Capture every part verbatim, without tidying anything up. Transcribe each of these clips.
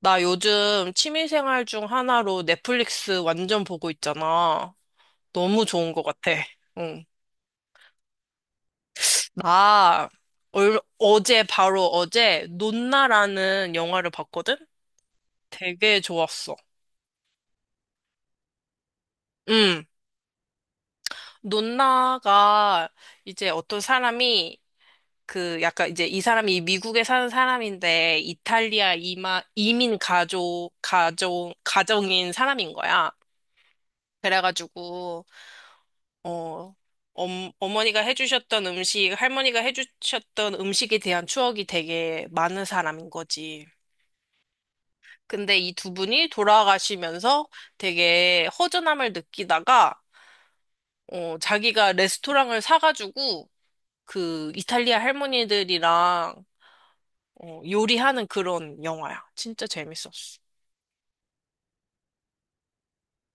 나 요즘 취미생활 중 하나로 넷플릭스 완전 보고 있잖아. 너무 좋은 것 같아. 응. 나 얼, 어제 바로 어제 논나라는 영화를 봤거든? 되게 좋았어. 응. 논나가 이제 어떤 사람이 그 약간 이제 이 사람이 미국에 사는 사람인데 이탈리아 이마, 이민 가족, 가족, 가정인 사람인 거야. 그래가지고 어, 엄, 어머니가 해주셨던 음식, 할머니가 해주셨던 음식에 대한 추억이 되게 많은 사람인 거지. 근데 이 두 분이 돌아가시면서 되게 허전함을 느끼다가, 어, 자기가 레스토랑을 사가지고 그 이탈리아 할머니들이랑 어, 요리하는 그런 영화야. 진짜 재밌었어.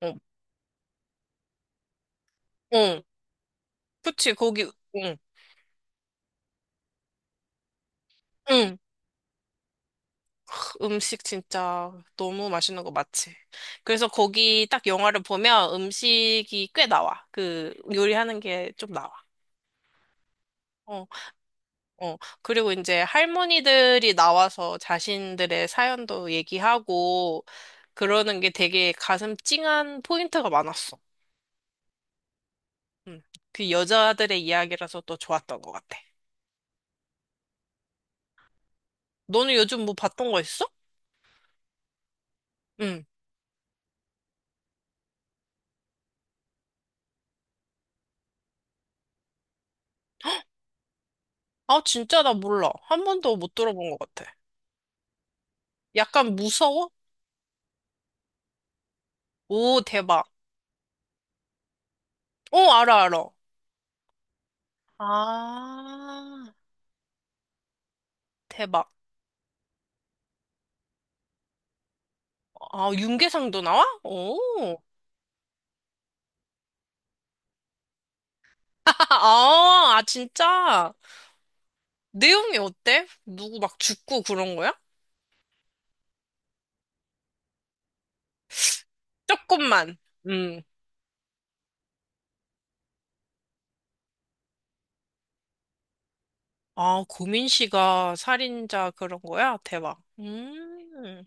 어, 어, 그치, 거기, 응, 응. 음식 진짜 너무 맛있는 거 맞지? 그래서 거기 딱 영화를 보면 음식이 꽤 나와. 그 요리하는 게 좀 나와. 어, 어. 그리고 이제 할머니들이 나와서 자신들의 사연도 얘기하고 그러는 게 되게 가슴 찡한 포인트가 많았어. 음. 그 여자들의 이야기라서 또 좋았던 것 같아. 너는 요즘 뭐 봤던 거 있어? 응. 아, 진짜 나 몰라. 한 번도 못 들어본 것 같아. 약간 무서워? 오, 대박. 어, 알아, 알아. 아, 대박. 아, 윤계상도 나와? 오. 아, 아, 진짜. 내용이 어때? 누구 막 죽고 그런 거야? 조금만. 음. 아, 고민 씨가 살인자 그런 거야? 대박. 음.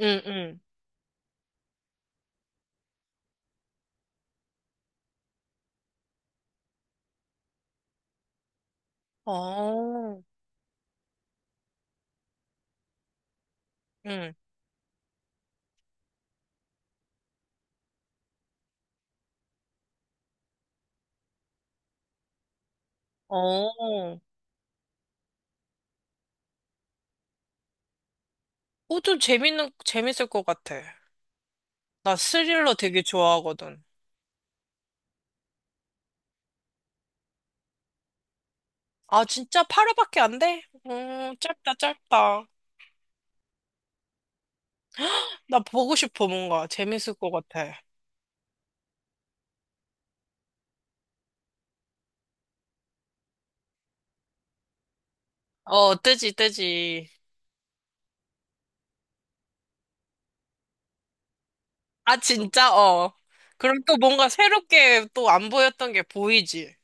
응, 응. 어. 응. 어. 오, 좀 재밌는, 재밌을 것 같아. 나 스릴러 되게 좋아하거든. 아, 진짜 팔 화밖에 안 돼? 음, 짧다, 짧다. 나 보고 싶어, 뭔가. 재밌을 것 같아. 어, 뜨지, 뜨지. 아, 진짜? 어. 그럼 또 뭔가 새롭게 또 안 보였던 게 보이지?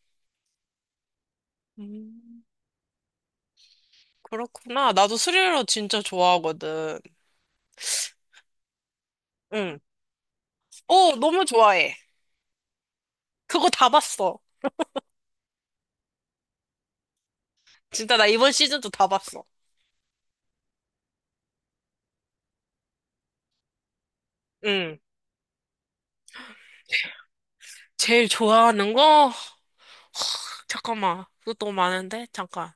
음, 그렇구나. 나도 스릴러 진짜 좋아하거든. 응. 어, 너무 좋아해. 그거 다 봤어. 진짜 나 이번 시즌도 다 봤어. 응. 제일 좋아하는 거? 잠깐만. 그것도 많은데? 잠깐.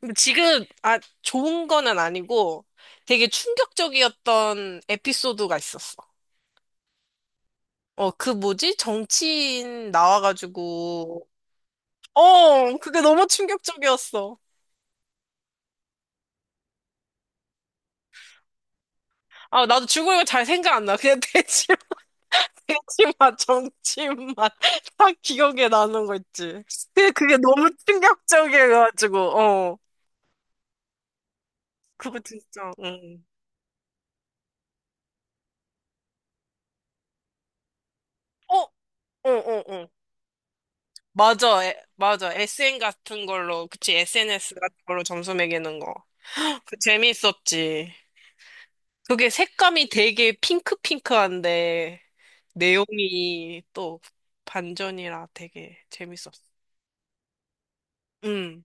근데 지금, 아, 좋은 거는 아니고 되게 충격적이었던 에피소드가 있었어. 어, 그 뭐지? 정치인 나와가지고. 어, 그게 너무 충격적이었어. 아, 나도 줄거리가 잘 생각 안 나. 그냥 대치 대치만, 정치인만 딱 기억에 나는 거 있지. 근데 그게 너무 충격적이어가지고, 어. 그거 진짜, 응. 어, 어, 어, 어. 맞아, 에, 맞아. 에스엔 같은 걸로, 그치, 에스엔에스 같은 걸로 점수 매기는 거. 그 재밌었지. 그게 색감이 되게 핑크핑크한데, 내용이 또 반전이라 되게 재밌었어. 응,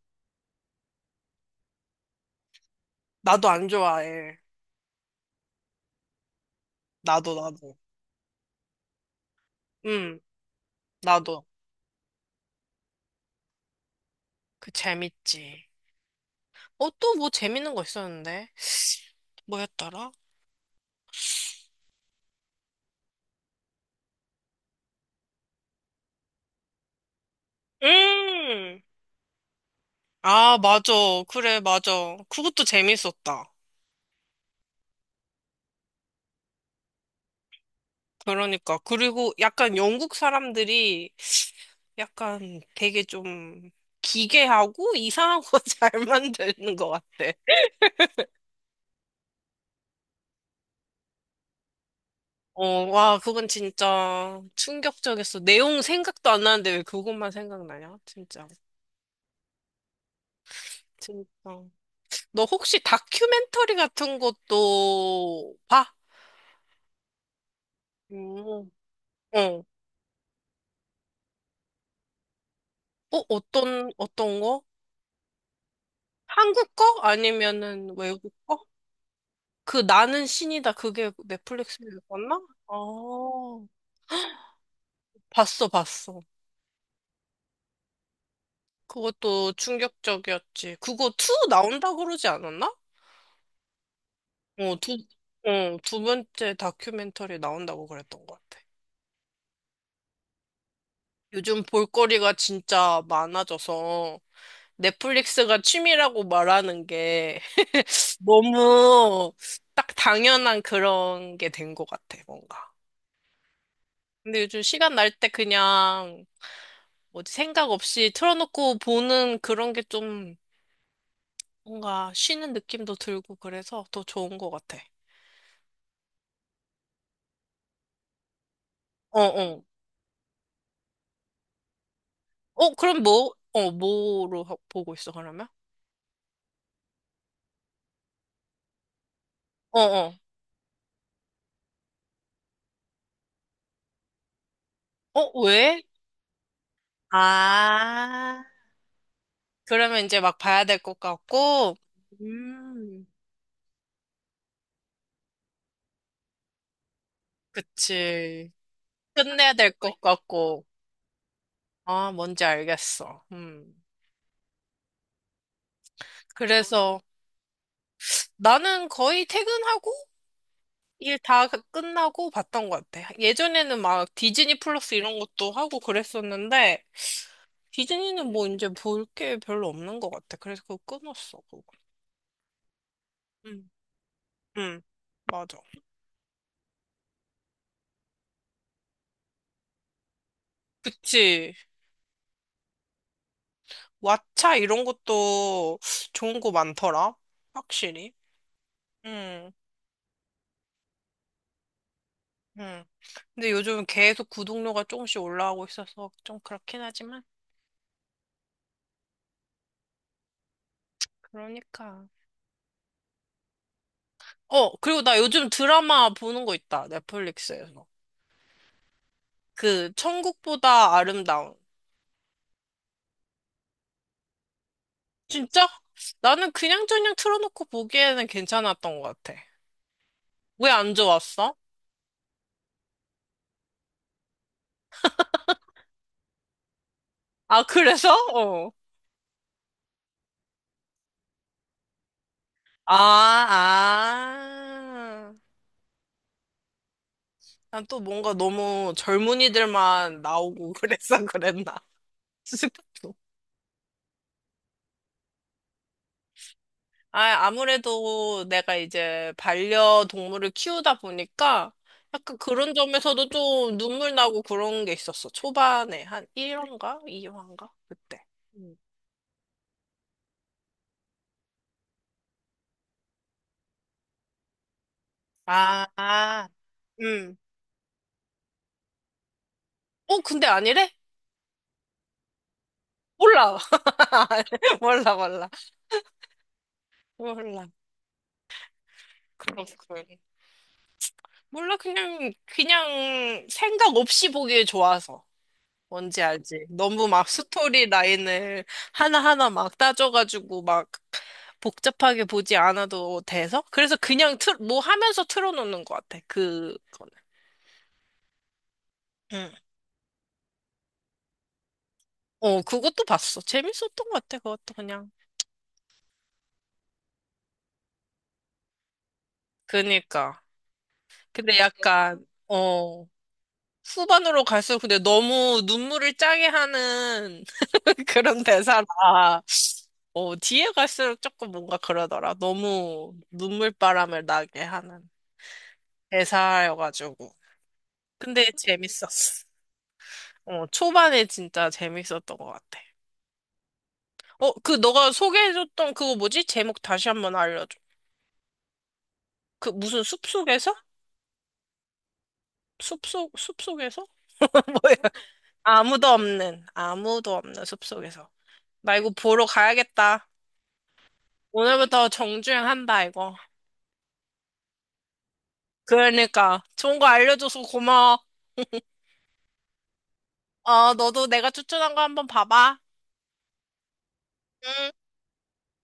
나도 안 좋아해. 나도, 나도. 응, 나도. 그 재밌지. 어, 또 뭐 재밌는 거 있었는데? 뭐였더라? 음! 아, 맞아. 그래, 맞아. 그것도 재밌었다. 그러니까. 그리고 약간 영국 사람들이 약간 되게 좀 기괴하고 이상한 거 잘 만드는 것 같아. 어, 와, 그건 진짜 충격적이었어. 내용 생각도 안 나는데 왜 그것만 생각나냐? 진짜. 진짜. 너 혹시 다큐멘터리 같은 것도 봐? 음. 어. 어, 어떤, 어떤 거? 한국 거? 아니면은 외국 거? 그 나는 신이다. 그게 넷플릭스에 있었나? 어, 봤어, 봤어. 그것도 충격적이었지. 그거 투 나온다고 그러지 않았나? 어, 두, 어, 두 번째 다큐멘터리 나온다고 그랬던 것 같아. 요즘 볼거리가 진짜 많아져서 넷플릭스가 취미라고 말하는 게 너무 딱 당연한 그런 게 된 것 같아, 뭔가. 근데 요즘 시간 날 때 그냥 뭐지 생각 없이 틀어놓고 보는 그런 게 좀 뭔가 쉬는 느낌도 들고 그래서 더 좋은 것 같아. 어, 어. 어, 그럼 뭐, 어, 뭐로 하- 보고 있어, 그러면? 어, 어. 어, 왜? 아, 그러면 이제 막 봐야 될 것 같고, 음, 그치. 끝내야 될 것 같고. 아, 뭔지 알겠어. 음. 그래서 나는 거의 퇴근하고 일다 그, 끝나고 봤던 것 같아. 예전에는 막 디즈니 플러스 이런 것도 하고 그랬었는데, 디즈니는 뭐 이제 볼 게 별로 없는 것 같아. 그래서 그거 끊었어, 그거. 음. 음. 맞아. 그치. 왓챠 이런 것도 좋은 거 많더라. 확실히. 응, 응. 근데 요즘 계속 구독료가 조금씩 올라가고 있어서 좀 그렇긴 하지만. 그러니까. 어, 그리고 나 요즘 드라마 보는 거 있다. 넷플릭스에서. 그, 천국보다 아름다운. 진짜? 나는 그냥저냥 틀어놓고 보기에는 괜찮았던 것 같아. 왜 안 좋았어? 아, 그래서? 어. 아, 아. 난 또 뭔가 너무 젊은이들만 나오고 그랬어, 그랬나 싶어. 아, 아무래도 내가 이제 반려동물을 키우다 보니까 약간 그런 점에서도 좀 눈물 나고 그런 게 있었어. 초반에 한 일 화인가? 이 화인가? 그때. 음. 아, 아, 음. 어, 근데 아니래? 몰라. 몰라, 몰라. 몰라. 그렇군. 몰라, 그냥, 그냥 생각 없이 보기에 좋아서. 뭔지 알지? 너무 막 스토리 라인을 하나하나 막 따져가지고 막 복잡하게 보지 않아도 돼서? 그래서 그냥 틀, 뭐 하면서 틀어놓는 것 같아. 그거는. 응. 어, 그것도 봤어. 재밌었던 것 같아. 그것도 그냥. 그니까. 근데 약간, 어, 후반으로 갈수록 근데 너무 눈물을 짜게 하는 그런 대사라. 어, 뒤에 갈수록 조금 뭔가 그러더라. 너무 눈물바람을 나게 하는. 대사여가지고. 근데 재밌었어. 어, 초반에 진짜 재밌었던 것 같아. 어, 그 너가 소개해줬던 그거 뭐지? 제목 다시 한번 알려줘. 그 무슨 숲속에서? 숲속, 숲속에서? 뭐야? 아무도 없는, 아무도 없는 숲속에서. 나 이거 보러 가야겠다. 오늘부터 정주행한다, 이거. 그러니까. 좋은 거 알려줘서 고마워. 어, 너도 내가 추천한 거 한번 봐봐. 응.